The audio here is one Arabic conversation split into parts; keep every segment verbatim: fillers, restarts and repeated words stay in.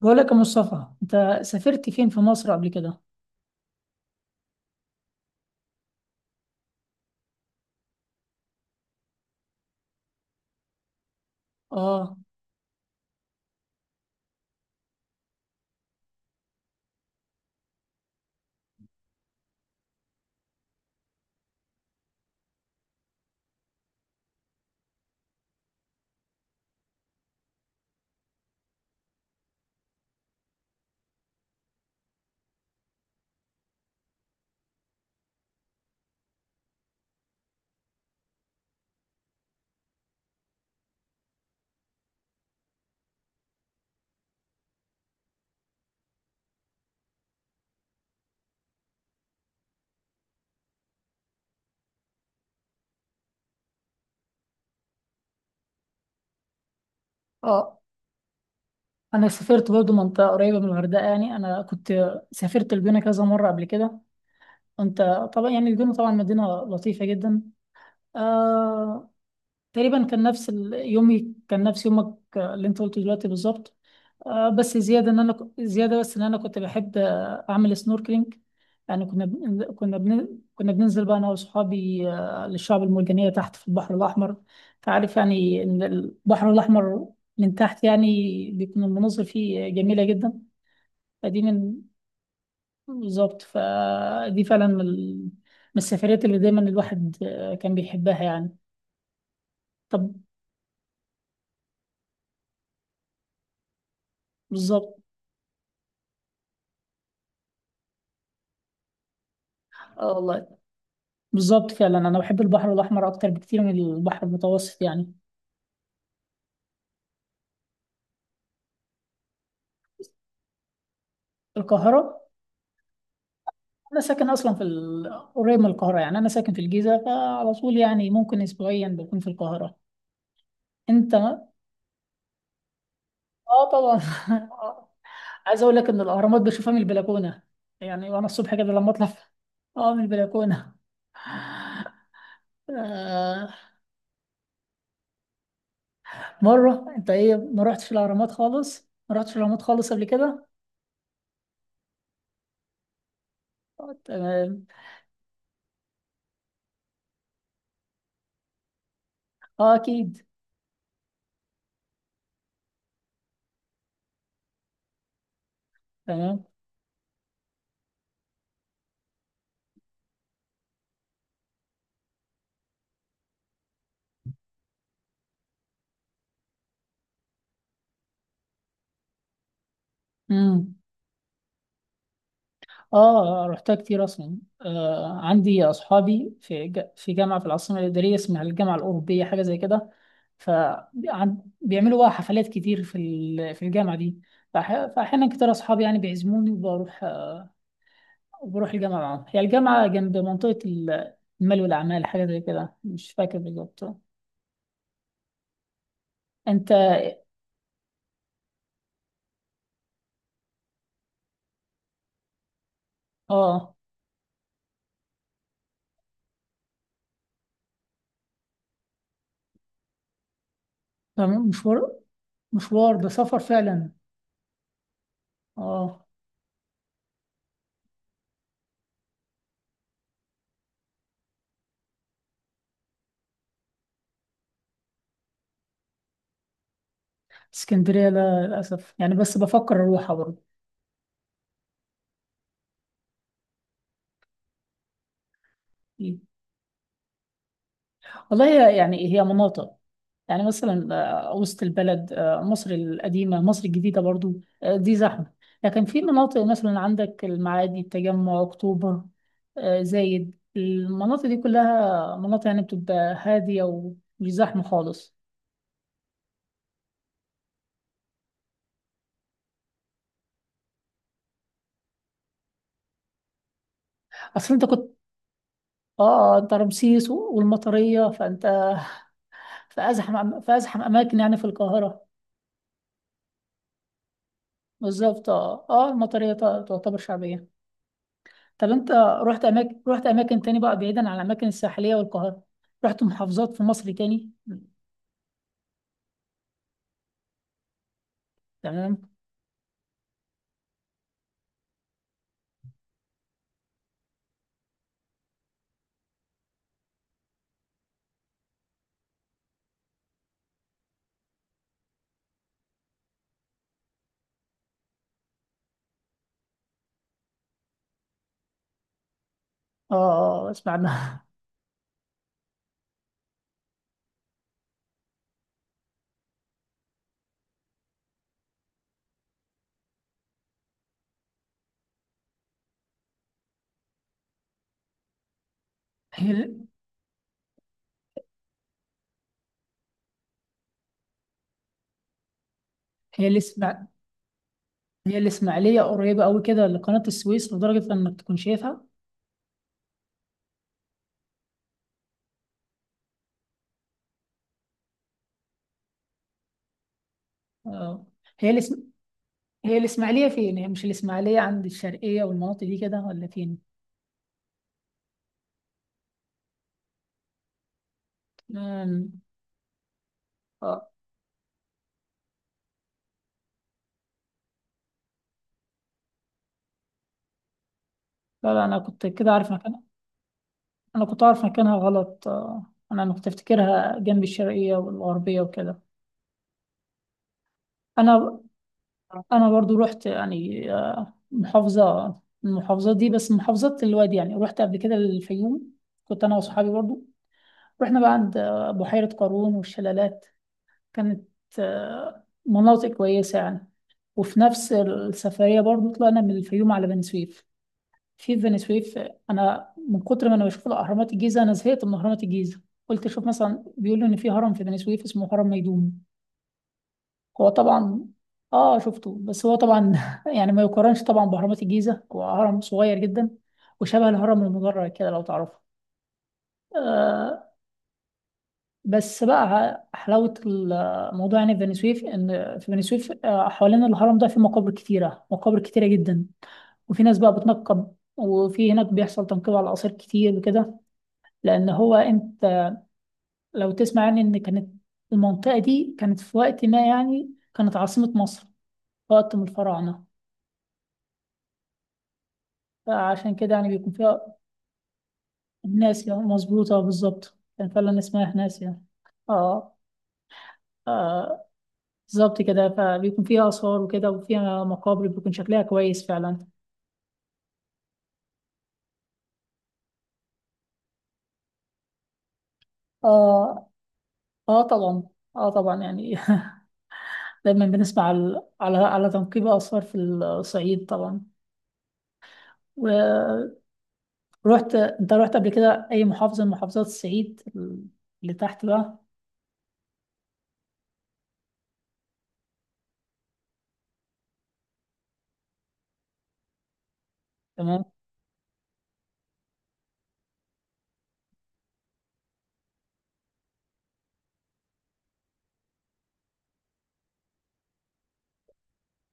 بقول لك يا مصطفى، انت سافرت فين في مصر قبل كده؟ اه اه انا سافرت برضو منطقه قريبه من الغردقه. يعني انا كنت سافرت الجونه كذا مره قبل كده. انت طبعا، يعني الجونه طبعا مدينه لطيفه جدا. آه تقريبا كان نفس ال- يومي، كان نفس يومك، آه، اللي انت قلته دلوقتي بالظبط. آه، بس زياده ان انا ك- زياده بس ان انا كنت بحب، آه، اعمل سنوركلينج. يعني كنا بن- كنا بن- كنا بننزل بقى انا واصحابي، آه، للشعب المرجانيه تحت في البحر الاحمر. تعرف يعني ان البحر الاحمر من تحت يعني بيكون المناظر فيه جميله جدا. فدي من بالظبط، فدي فعلا من ال- من السفريات اللي دايما الواحد، آه، كان بيحبها يعني. طب. بالظبط. اه والله، بالظبط فعلا. انا بحب البحر الاحمر اكتر بكتير من البحر المتوسط يعني. القاهره؟ انا ساكن اصلا في ال- قريب من القاهره. يعني انا ساكن في الجيزه، فعلى طول يعني ممكن اسبوعيا بكون في القاهره. انت؟ اه طبعا. عايز اقول لك ان الاهرامات بشوفها من البلكونه، يعني وانا الصبح كده لما اطلع. اه، من البلكونه. آه، مره. انت ايه، ما رحتش الاهرامات خالص؟ ما رحتش الاهرامات خالص قبل كده؟ آه، تمام. اه اكيد. تمام. مم. اه رحتها كتير اصلا. آه عندي اصحابي في ج... في جامعه في العاصمه الاداريه اسمها الجامعه الاوروبيه، حاجه زي كده. فبيعملوا بقى حفلات كتير في ال... في الجامعه دي. فأح... فاحيانا كتير اصحابي يعني بيعزموني وبروح، آه، وبروح الجامعه معاهم. هي الجامعه جنب منطقه ال- المال والاعمال، حاجه زي كده، مش فاكر بالظبط. انت؟ اه. مشوار. مشوار ده سفر فعلا. اه. اسكندريه لا للاسف، يعني بس بفكر اروحها برضه. والله، هي- يعني هي مناطق. يعني مثلا، آه، وسط البلد، آه، مصر القديمة، مصر الجديدة برضو، آه، دي زحمة. لكن في مناطق مثلا، عندك المعادي، التجمع، أكتوبر، آه، زايد، المناطق دي كلها مناطق يعني بتبقى هادية ومش زحمة خالص. أصل أنت كنت، آه آه، أنت رمسيس والمطرية، فأنت في أزحم في أزحم أماكن يعني في القاهرة. بالظبط. آه آه المطرية تعتبر شعبية. طب انت رحت اماكن رحت اماكن تاني بقى، بعيدا عن الاماكن الساحليه والقاهره؟ رحت محافظات في مصر تاني؟ تمام. اه اسمع عنها. هي هي الاسماع هي الاسماعيليه قريبه قوي كده لقناه السويس، لدرجه انك تكون شايفها؟ اه. هي الاسم هي الاسماعيليه فين؟ هي مش الاسماعيليه عند الشرقيه والمناطق دي كده، ولا فين؟ امم، اه، لا لا، انا كنت كده عارف مكانها. انا كنت عارف مكانها غلط. اه انا، انا كنت افتكرها جنب الشرقيه والغربيه وكده. انا انا برضو رحت، يعني، آه، محافظه من المحافظات دي، بس محافظات الوادي. يعني رحت قبل كده الفيوم، كنت انا وصحابي برضو. رحنا بقى عند، آه، بحيره قارون والشلالات. كانت، آه، مناطق كويسه يعني. وفي نفس السفريه برضو طلعنا من الفيوم على بني سويف. في بني سويف، آه، انا من كتر ما انا بشوف الاهرامات الجيزه، انا زهقت من اهرامات الجيزه. قلت اشوف مثلا، بيقولوا ان في هرم في بني سويف اسمه هرم ميدوم. هو طبعا. اه شفته. بس هو طبعا يعني ما يقارنش طبعا بأهرامات الجيزة، هو هرم صغير جدا. وشبه الهرم المدرج كده لو تعرفه. آه. بس بقى حلاوة الموضوع يعني في بني سويف، إن في بني سويف آه حوالين الهرم ده في مقابر كتيرة، مقابر كتيرة جدا. وفي ناس بقى بتنقب، وفي هناك بيحصل تنقيب على الآثار كتير وكده. لأن هو، أنت لو تسمع يعني، إن كانت المنطقة دي كانت في وقت ما يعني كانت عاصمة مصر، في وقت من الفراعنة. فعشان كده يعني بيكون فيها. ناسية. مظبوطة بالظبط، كان فعلا اسمها ناسية. اه. آه، بالظبط كده. فبيكون فيها آثار وكده، وفيها مقابر بيكون شكلها كويس فعلا. اه. اه طبعا. اه طبعا يعني. دايما بنسمع على على, على تنقيب آثار في الصعيد طبعا. ورحت. انت رحت قبل كده أي محافظة من محافظات الصعيد اللي تحت بقى؟ تمام.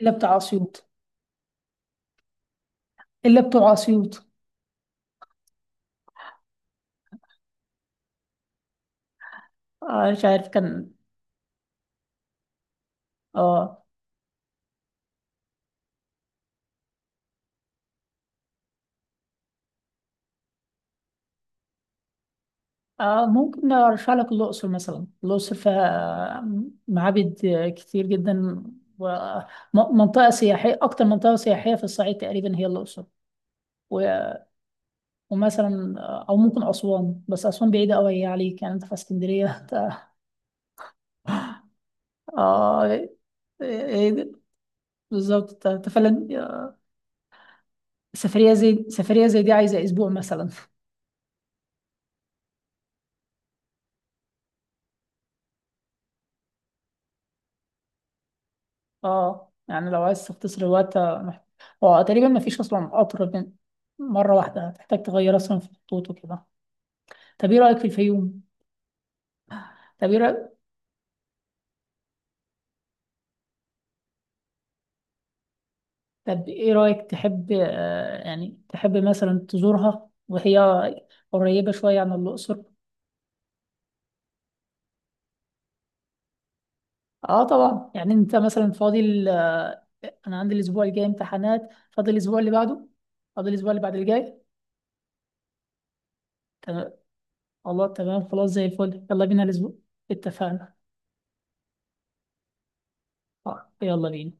إلا بتاع أسيوط. إلا بتوع أسيوط. آه مش عارف كان. اه. آه ممكن أرشح لك الأقصر مثلا. الأقصر فيها، آه، معابد كتير جدا. ومنطقة سياحية، أكتر منطقة سياحية في الصعيد تقريبا هي الأقصر. و- ومثلا، آه، أو ممكن أسوان، بس أسوان بعيدة أوي هي عليك يعني. أنت في اسكندرية. أنت- آه إيه- إيه. بالظبط. أنت أنت فعلا، آه، سفرية زي سفرية زي دي عايزة أسبوع مثلا. أه يعني لو عايز تختصر الوقت، آه، محت- هو تقريبا مفيش أصلا قطر بين- مرة واحدة، هتحتاج تغير أصلا في الخطوط وكده. طب ايه رأيك في الفيوم؟ طب ايه رأيك طب ايه رأيك، تحب، آه، يعني تحب مثلا تزورها؟ وهي قريبة شوية عن الأقصر. اه طبعا يعني. انت مثلا فاضل، آه، انا عندي الاسبوع الجاي امتحانات، فاضل الاسبوع اللي بعده، فاضل الاسبوع اللي بعد الجاي. تمام. الله، تمام، خلاص زي الفل، يلا بينا الاسبوع. اتفقنا. آه، يلا بينا.